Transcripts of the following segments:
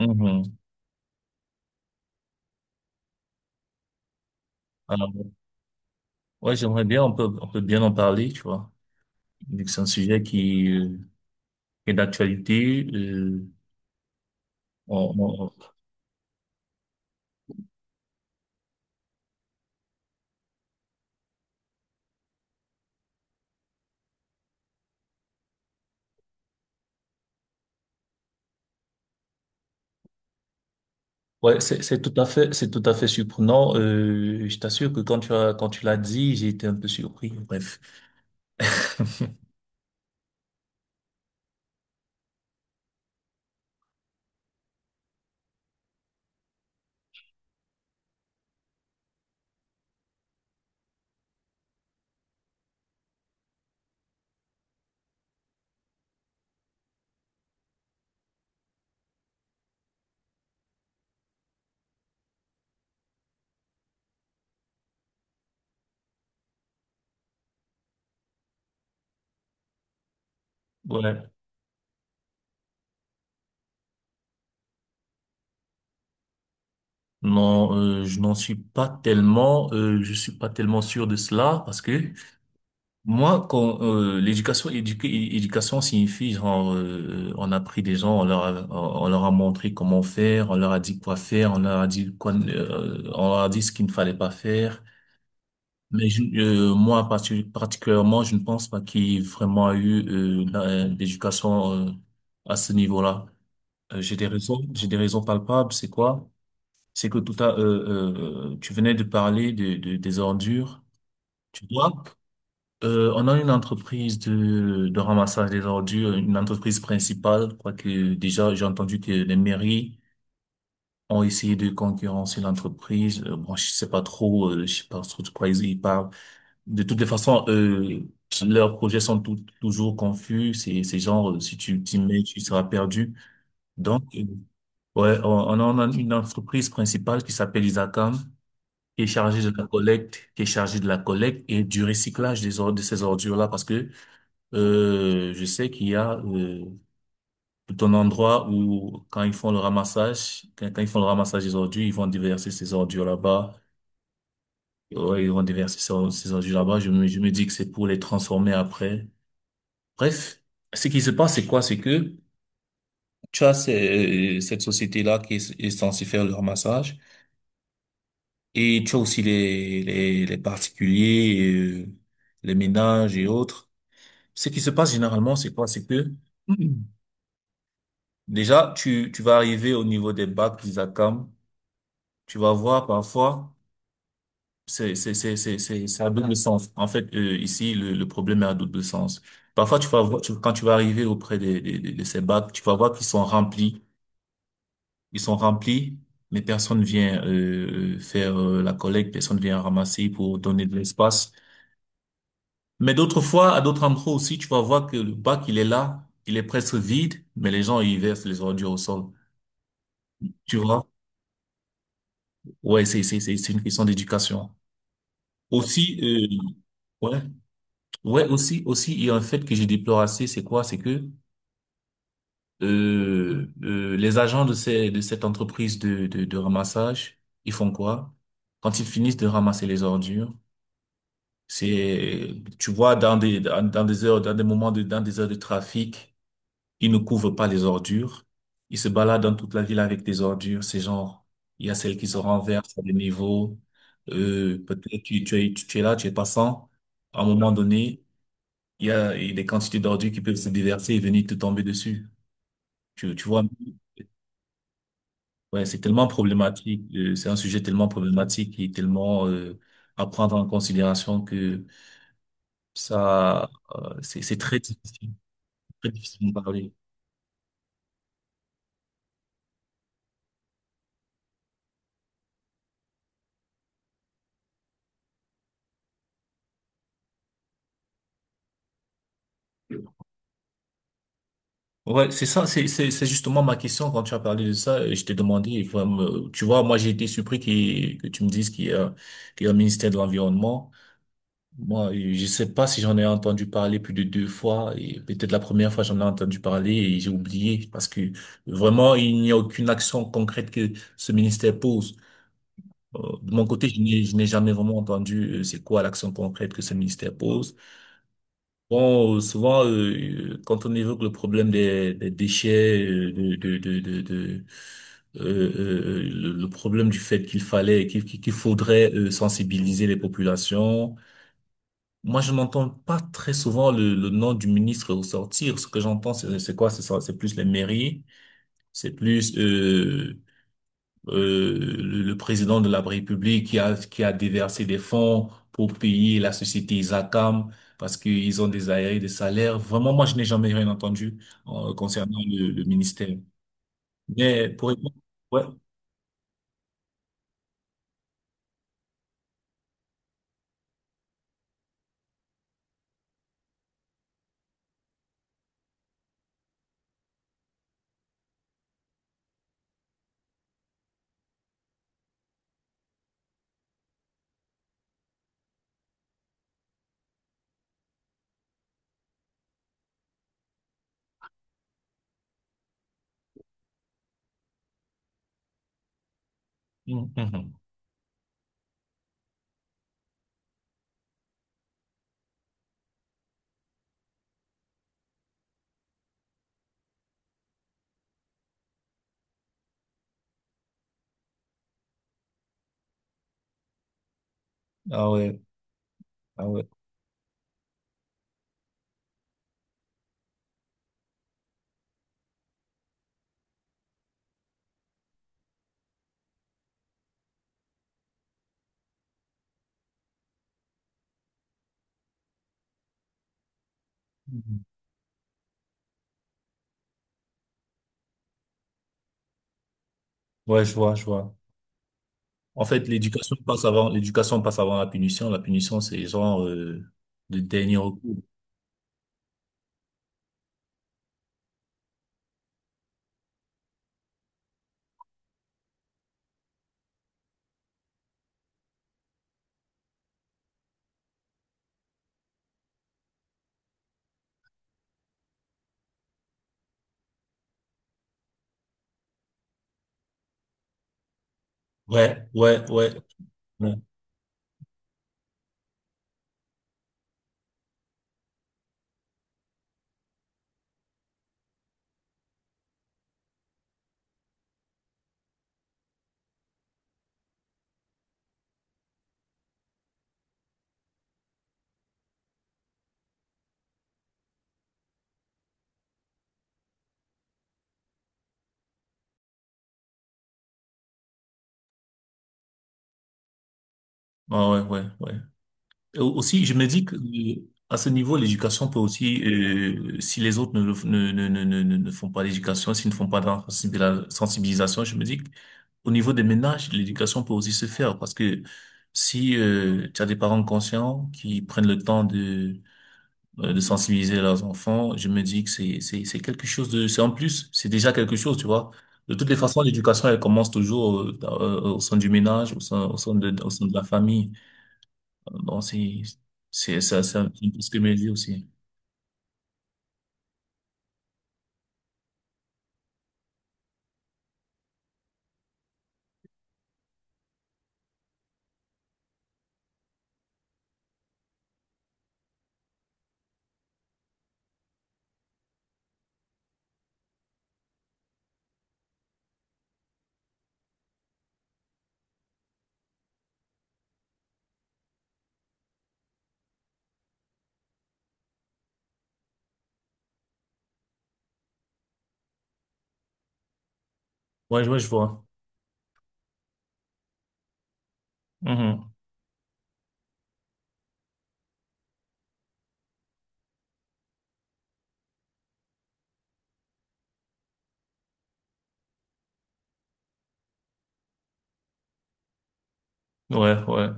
Mhm. Alors, ouais, j'aimerais bien, on peut bien en parler, tu vois, vu que c'est un sujet qui est d'actualité. On, on- ouais, c'est tout à fait surprenant. Je t'assure que quand tu l'as dit, j'ai été un peu surpris. Bref. Ouais. Non, je suis pas tellement sûr de cela, parce que moi, quand éducation signifie genre, on a pris des gens, on leur a montré comment faire, on leur a dit quoi faire, on leur a dit ce qu'il ne fallait pas faire. Mais moi particulièrement, je ne pense pas qu'il y ait vraiment eu l'éducation à ce niveau-là. J'ai des raisons palpables. C'est quoi? C'est que tu venais de parler des ordures, tu vois? On a une entreprise de ramassage des ordures, une entreprise principale. Je crois que déjà, j'ai entendu que les mairies ont essayé de concurrencer l'entreprise. Bon, je sais pas trop de quoi ils parlent. De toutes les façons, leurs projets sont toujours confus. C'est genre, si tu t'y mets, tu seras perdu. Donc, ouais, on a une entreprise principale qui s'appelle Isacam, qui est chargée de la collecte et du recyclage des ordures, de ces ordures-là, parce que je sais qu'il y a tout un endroit où quand ils font le ramassage des ordures, ils vont déverser ces ordures là-bas. Ouais, ils vont déverser ces ordures là-bas. Je me dis que c'est pour les transformer après. Bref, ce qui se passe, c'est quoi? C'est que tu as cette société-là qui est censée faire le ramassage, et tu as aussi les particuliers, les ménages et autres. Ce qui se passe généralement, c'est quoi? C'est que déjà, tu vas arriver au niveau des bacs d'ISACAM. Tu vas voir parfois, c'est à double sens. En fait, ici, le problème est à double sens. Parfois, tu vas voir, quand tu vas arriver auprès de ces bacs, tu vas voir qu'ils sont remplis. Ils sont remplis, mais personne vient, faire, la collecte, personne vient ramasser pour donner de l'espace. Mais d'autres fois, à d'autres endroits aussi, tu vas voir que le bac, il est là, il est presque vide, mais les gens, ils versent les ordures au sol. Tu vois? Ouais, c'est une question d'éducation. Aussi, ouais, ouais, aussi, il y a un fait que je déplore assez, c'est quoi? C'est que les agents de cette entreprise de ramassage, ils font quoi? Quand ils finissent de ramasser les ordures, c'est, tu vois, dans des heures de trafic, ils ne couvrent pas les ordures. Ils se baladent dans toute la ville avec des ordures. C'est genre, il y a celles qui se renversent à des niveaux. Peut-être tu es passant à un moment donné. Il y a des quantités d'ordures qui peuvent se déverser et venir te tomber dessus. Tu vois, ouais, c'est tellement problématique. C'est un sujet tellement problématique et tellement à prendre en considération que ça, c'est très difficile de parler. Ouais, c'est ça, c'est justement ma question quand tu as parlé de ça. Je t'ai demandé, tu vois, moi j'ai été surpris que tu me dises qu'il y a un ministère de l'Environnement. Moi, je sais pas si j'en ai entendu parler plus de deux fois, et peut-être la première fois j'en ai entendu parler et j'ai oublié, parce que vraiment il n'y a aucune action concrète que ce ministère pose. De mon côté, je n'ai jamais vraiment entendu c'est quoi l'action concrète que ce ministère pose. Bon, souvent quand on évoque le problème des déchets, le problème du fait qu'il fallait qu'il qu'il faudrait sensibiliser les populations. Moi, je n'entends pas très souvent le nom du ministre ressortir. Ce que j'entends, c'est quoi? C'est plus les mairies, c'est plus le président de la République qui a déversé des fonds pour payer la société Isacam parce qu'ils ont des aérés de salaire. Vraiment, moi, je n'ai jamais rien entendu concernant le ministère. Mais pour répondre, ouais. Mhm. Ah ouais, ah ouais. Mhm. Ouais, je vois, je vois. En fait, l'éducation passe avant la punition. La punition, c'est genre le dernier recours. Ouais, ouais, ouais, ouais. Ah ouais, ouais, ouais. Et aussi, je me dis que à ce niveau, l'éducation peut aussi, si les autres ne, le f- ne, ne, ne, ne, ne ne font pas l'éducation, s'ils ne font pas de la sensibilisation, je me dis qu'au niveau des ménages, l'éducation peut aussi se faire, parce que si tu as des parents conscients qui prennent le temps de sensibiliser leurs enfants, je me dis que c'est en plus, c'est déjà quelque chose, tu vois. De toutes les façons, l'éducation elle commence toujours au sein du ménage, au sein de la famille. Donc, c'est ça, c'est un peu ce que me dit aussi. Ouais, ouais, je vois. Mhm. Ouais, ouais.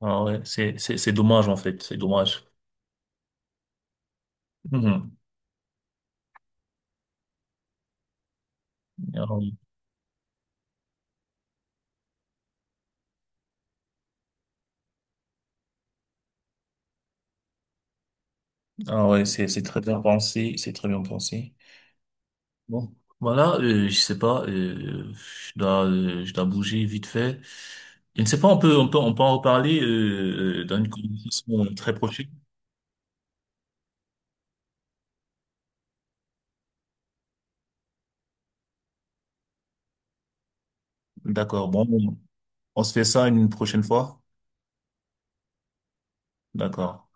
Ah ouais, c'est dommage, en fait, c'est dommage. Mhm. Ah oui. Ah ouais, c'est très bien pensé, c'est très bien pensé. Bon, voilà, je sais pas, je dois bouger vite fait. Je ne sais pas, on peut, en reparler dans une conversation très prochaine. D'accord. Bon, on se fait ça une prochaine fois. D'accord.